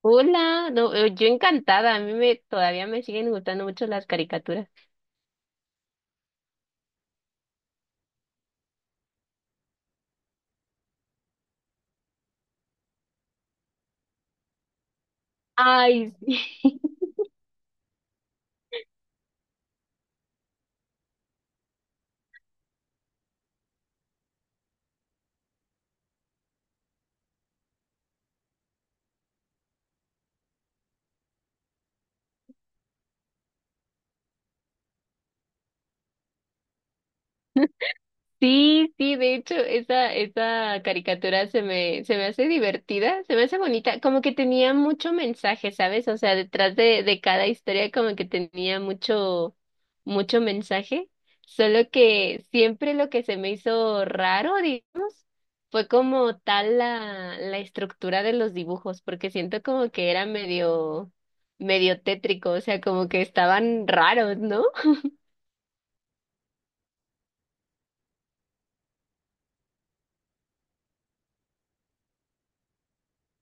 Hola, no, yo encantada, todavía me siguen gustando mucho las caricaturas. Ay, sí. Sí, sí, de hecho, esa caricatura se me hace divertida, se me hace bonita, como que tenía mucho mensaje, ¿sabes? O sea, detrás de cada historia como que tenía mucho, mucho mensaje, solo que siempre lo que se me hizo raro, digamos, fue como tal la estructura de los dibujos, porque siento como que era medio, medio tétrico, o sea, como que estaban raros, ¿no?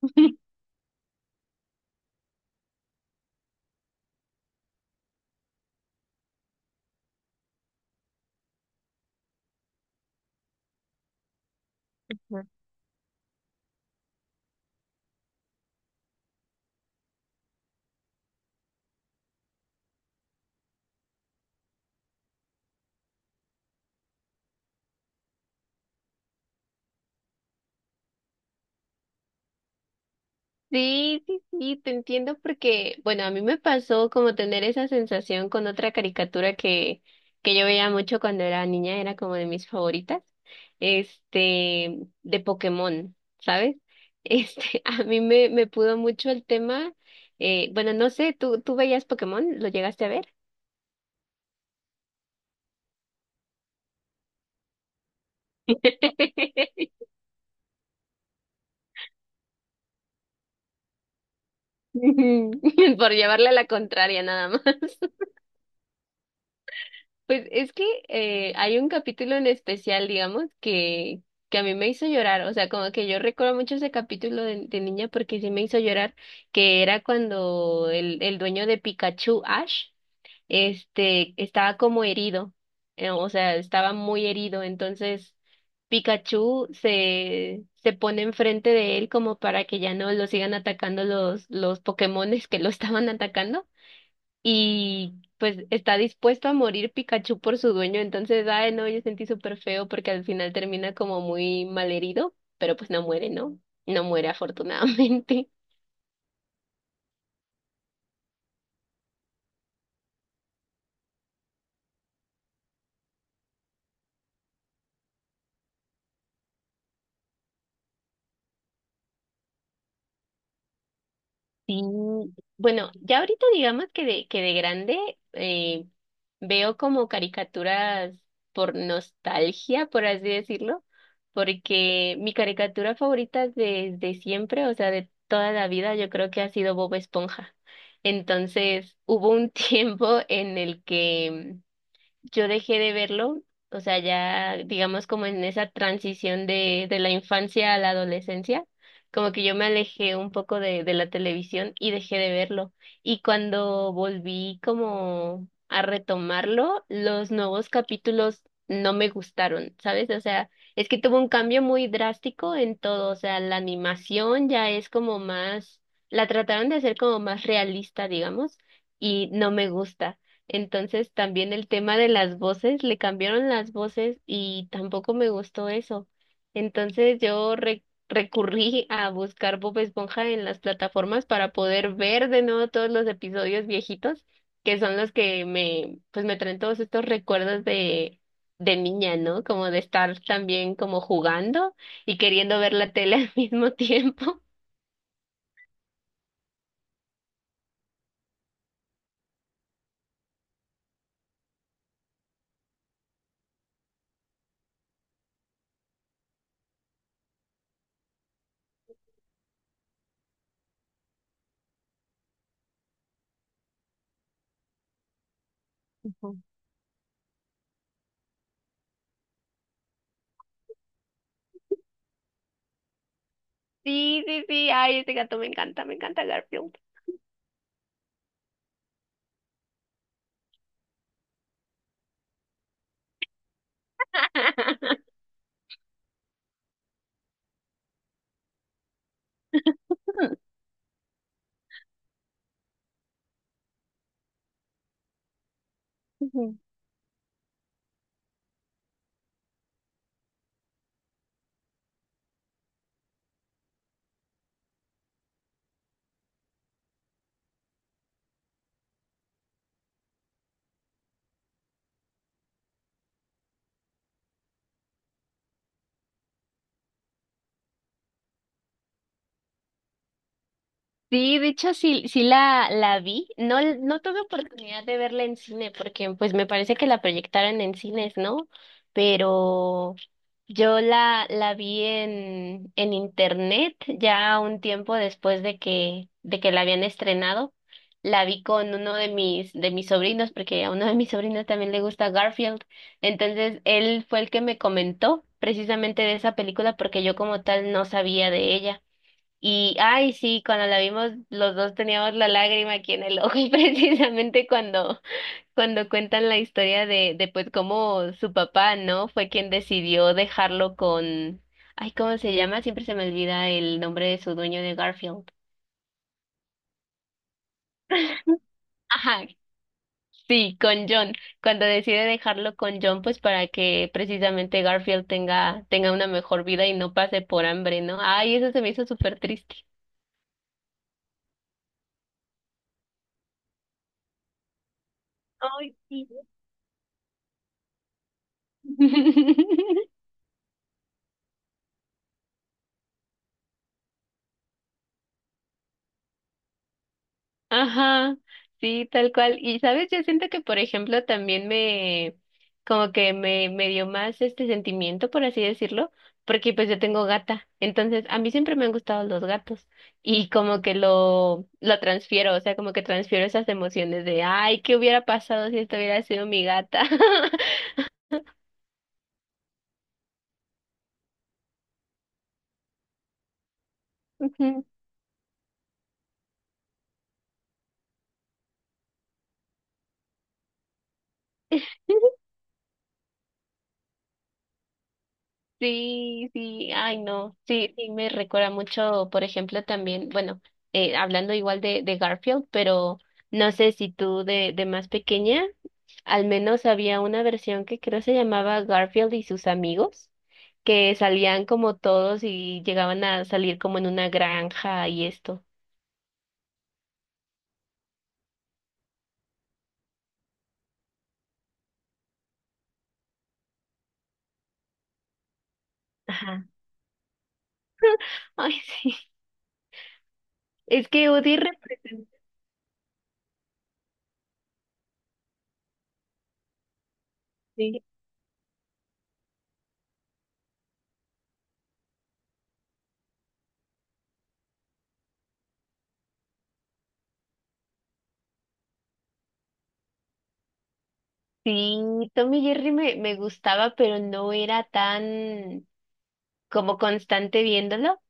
Sí, sí, sí, te entiendo porque, bueno, a mí me pasó como tener esa sensación con otra caricatura que yo veía mucho cuando era niña, era como de mis favoritas, este, de Pokémon, ¿sabes? Este, me pudo mucho el tema, bueno, no sé, tú veías Pokémon? ¿Lo llegaste a ver? Por llevarle a la contraria nada más. Pues es que hay un capítulo en especial, digamos, que a mí me hizo llorar. O sea, como que yo recuerdo mucho ese capítulo de niña porque sí me hizo llorar, que era cuando el dueño de Pikachu, Ash, estaba como herido. O sea, estaba muy herido. Entonces, se pone enfrente de él como para que ya no lo sigan atacando los Pokémones que lo estaban atacando y pues está dispuesto a morir Pikachu por su dueño, entonces, ay, no, yo sentí súper feo porque al final termina como muy malherido, pero pues no muere, ¿no? No muere afortunadamente. Sí, bueno, ya ahorita digamos que de grande veo como caricaturas por nostalgia, por así decirlo, porque mi caricatura favorita desde siempre, o sea, de toda la vida, yo creo que ha sido Bob Esponja. Entonces, hubo un tiempo en el que yo dejé de verlo, o sea, ya digamos como en esa transición de la infancia a la adolescencia, como que yo me alejé un poco de la televisión y dejé de verlo. Y cuando volví como a retomarlo, los nuevos capítulos no me gustaron, ¿sabes? O sea, es que tuvo un cambio muy drástico en todo, o sea, la animación ya es como más, la trataron de hacer como más realista, digamos, y no me gusta. Entonces también el tema de las voces, le cambiaron las voces y tampoco me gustó eso. Entonces yo recurrí a buscar Bob Esponja en las plataformas para poder ver de nuevo todos los episodios viejitos, que son los que me, pues me traen todos estos recuerdos de niña, ¿no? Como de estar también como jugando y queriendo ver la tele al mismo tiempo. Ujú. Sí, sí, sí, ay, ese gato me encanta Garfield. Sí, de hecho sí, la vi. No, no tuve oportunidad de verla en cine porque pues me parece que la proyectaron en cines, ¿no? Pero yo la vi en internet ya un tiempo después de que la habían estrenado. La vi con uno de mis sobrinos, porque a uno de mis sobrinos también le gusta Garfield. Entonces, él fue el que me comentó precisamente de esa película porque yo como tal no sabía de ella. Y, ay, sí, cuando la vimos, los dos teníamos la lágrima aquí en el ojo, y precisamente cuando, cuando cuentan la historia de pues cómo su papá, ¿no? Fue quien decidió dejarlo con, ay, ¿cómo se llama? Siempre se me olvida el nombre de su dueño de Garfield. Ajá, sí, con John. Cuando decide dejarlo con John, pues para que precisamente Garfield tenga, tenga una mejor vida y no pase por hambre, ¿no? Ay, eso se me hizo súper triste. Ay, sí. Ajá, sí, tal cual. Y sabes, yo siento que, por ejemplo, como que me dio más este sentimiento, por así decirlo, porque pues yo tengo gata. Entonces, a mí siempre me han gustado los gatos y como que lo transfiero, o sea, como que transfiero esas emociones de, ay, ¿qué hubiera pasado si esto hubiera sido mi gata? Ujú. Sí, sí, ay no, sí, sí, me recuerda mucho, por ejemplo, también, bueno, hablando igual de Garfield, pero no sé si tú de más pequeña, al menos había una versión que creo se llamaba Garfield y sus amigos, que salían como todos y llegaban a salir como en una granja y esto. Ajá. Ay, sí, es que Woody representa. Sí, sí, Tom y Jerry me gustaba, pero no era tan como constante viéndolo.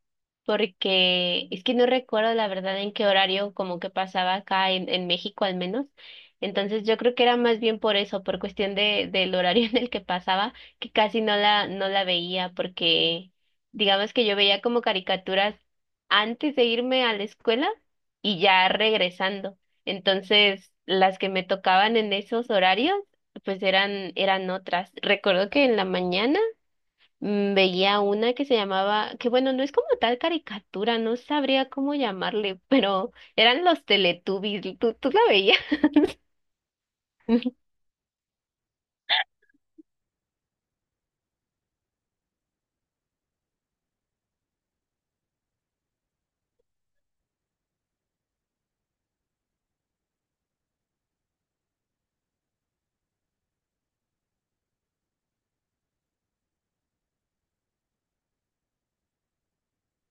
Porque es que no recuerdo la verdad en qué horario como que pasaba acá en México al menos. Entonces yo creo que era más bien por eso, por cuestión de, del horario en el que pasaba, que casi no no la veía, porque digamos que yo veía como caricaturas antes de irme a la escuela y ya regresando. Entonces, las que me tocaban en esos horarios, pues eran, eran otras. Recuerdo que en la mañana veía una que se llamaba, que bueno, no es como tal caricatura, no sabría cómo llamarle, pero eran los Teletubbies, tú la veías?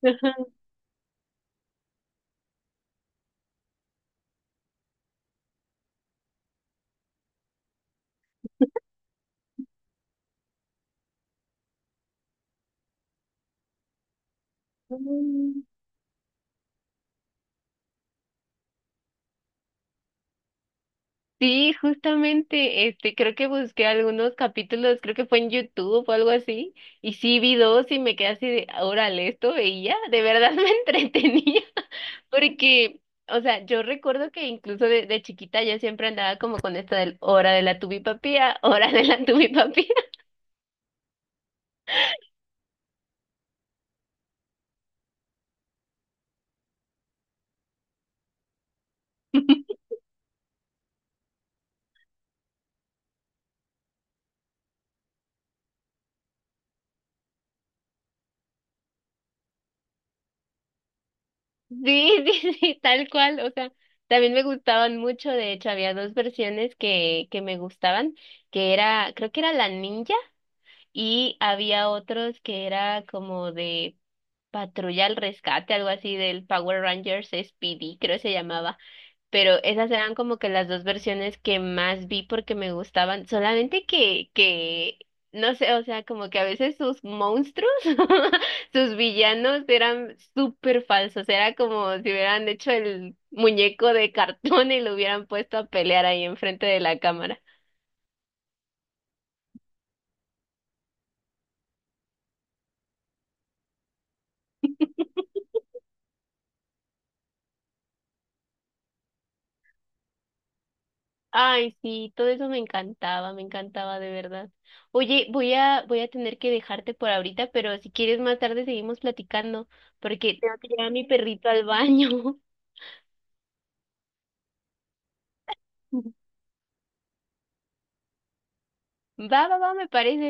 Ajá. Mm. Sí, justamente, este, creo que busqué algunos capítulos, creo que fue en YouTube o algo así, y sí vi dos y me quedé así de, órale, esto veía, de verdad me entretenía, porque, o sea, yo recuerdo que incluso de chiquita yo siempre andaba como con esto del hora de la tubipapía, hora de la tubipapía. Sí, sí, sí, tal cual. O sea, también me gustaban mucho. De hecho, había dos versiones que me gustaban, que era, creo que era la ninja y había otros que era como de patrulla al rescate, algo así del Power Rangers Speedy, creo que se llamaba, pero esas eran como que las dos versiones que más vi porque me gustaban, solamente que, no sé, o sea, como que a veces sus monstruos, sus villanos eran súper falsos, era como si hubieran hecho el muñeco de cartón y lo hubieran puesto a pelear ahí enfrente de la cámara. Ay, sí, todo eso me encantaba de verdad. Oye, voy a tener que dejarte por ahorita, pero si quieres más tarde seguimos platicando, porque tengo que llevar a mi perrito al baño. Va, va, va, me parece.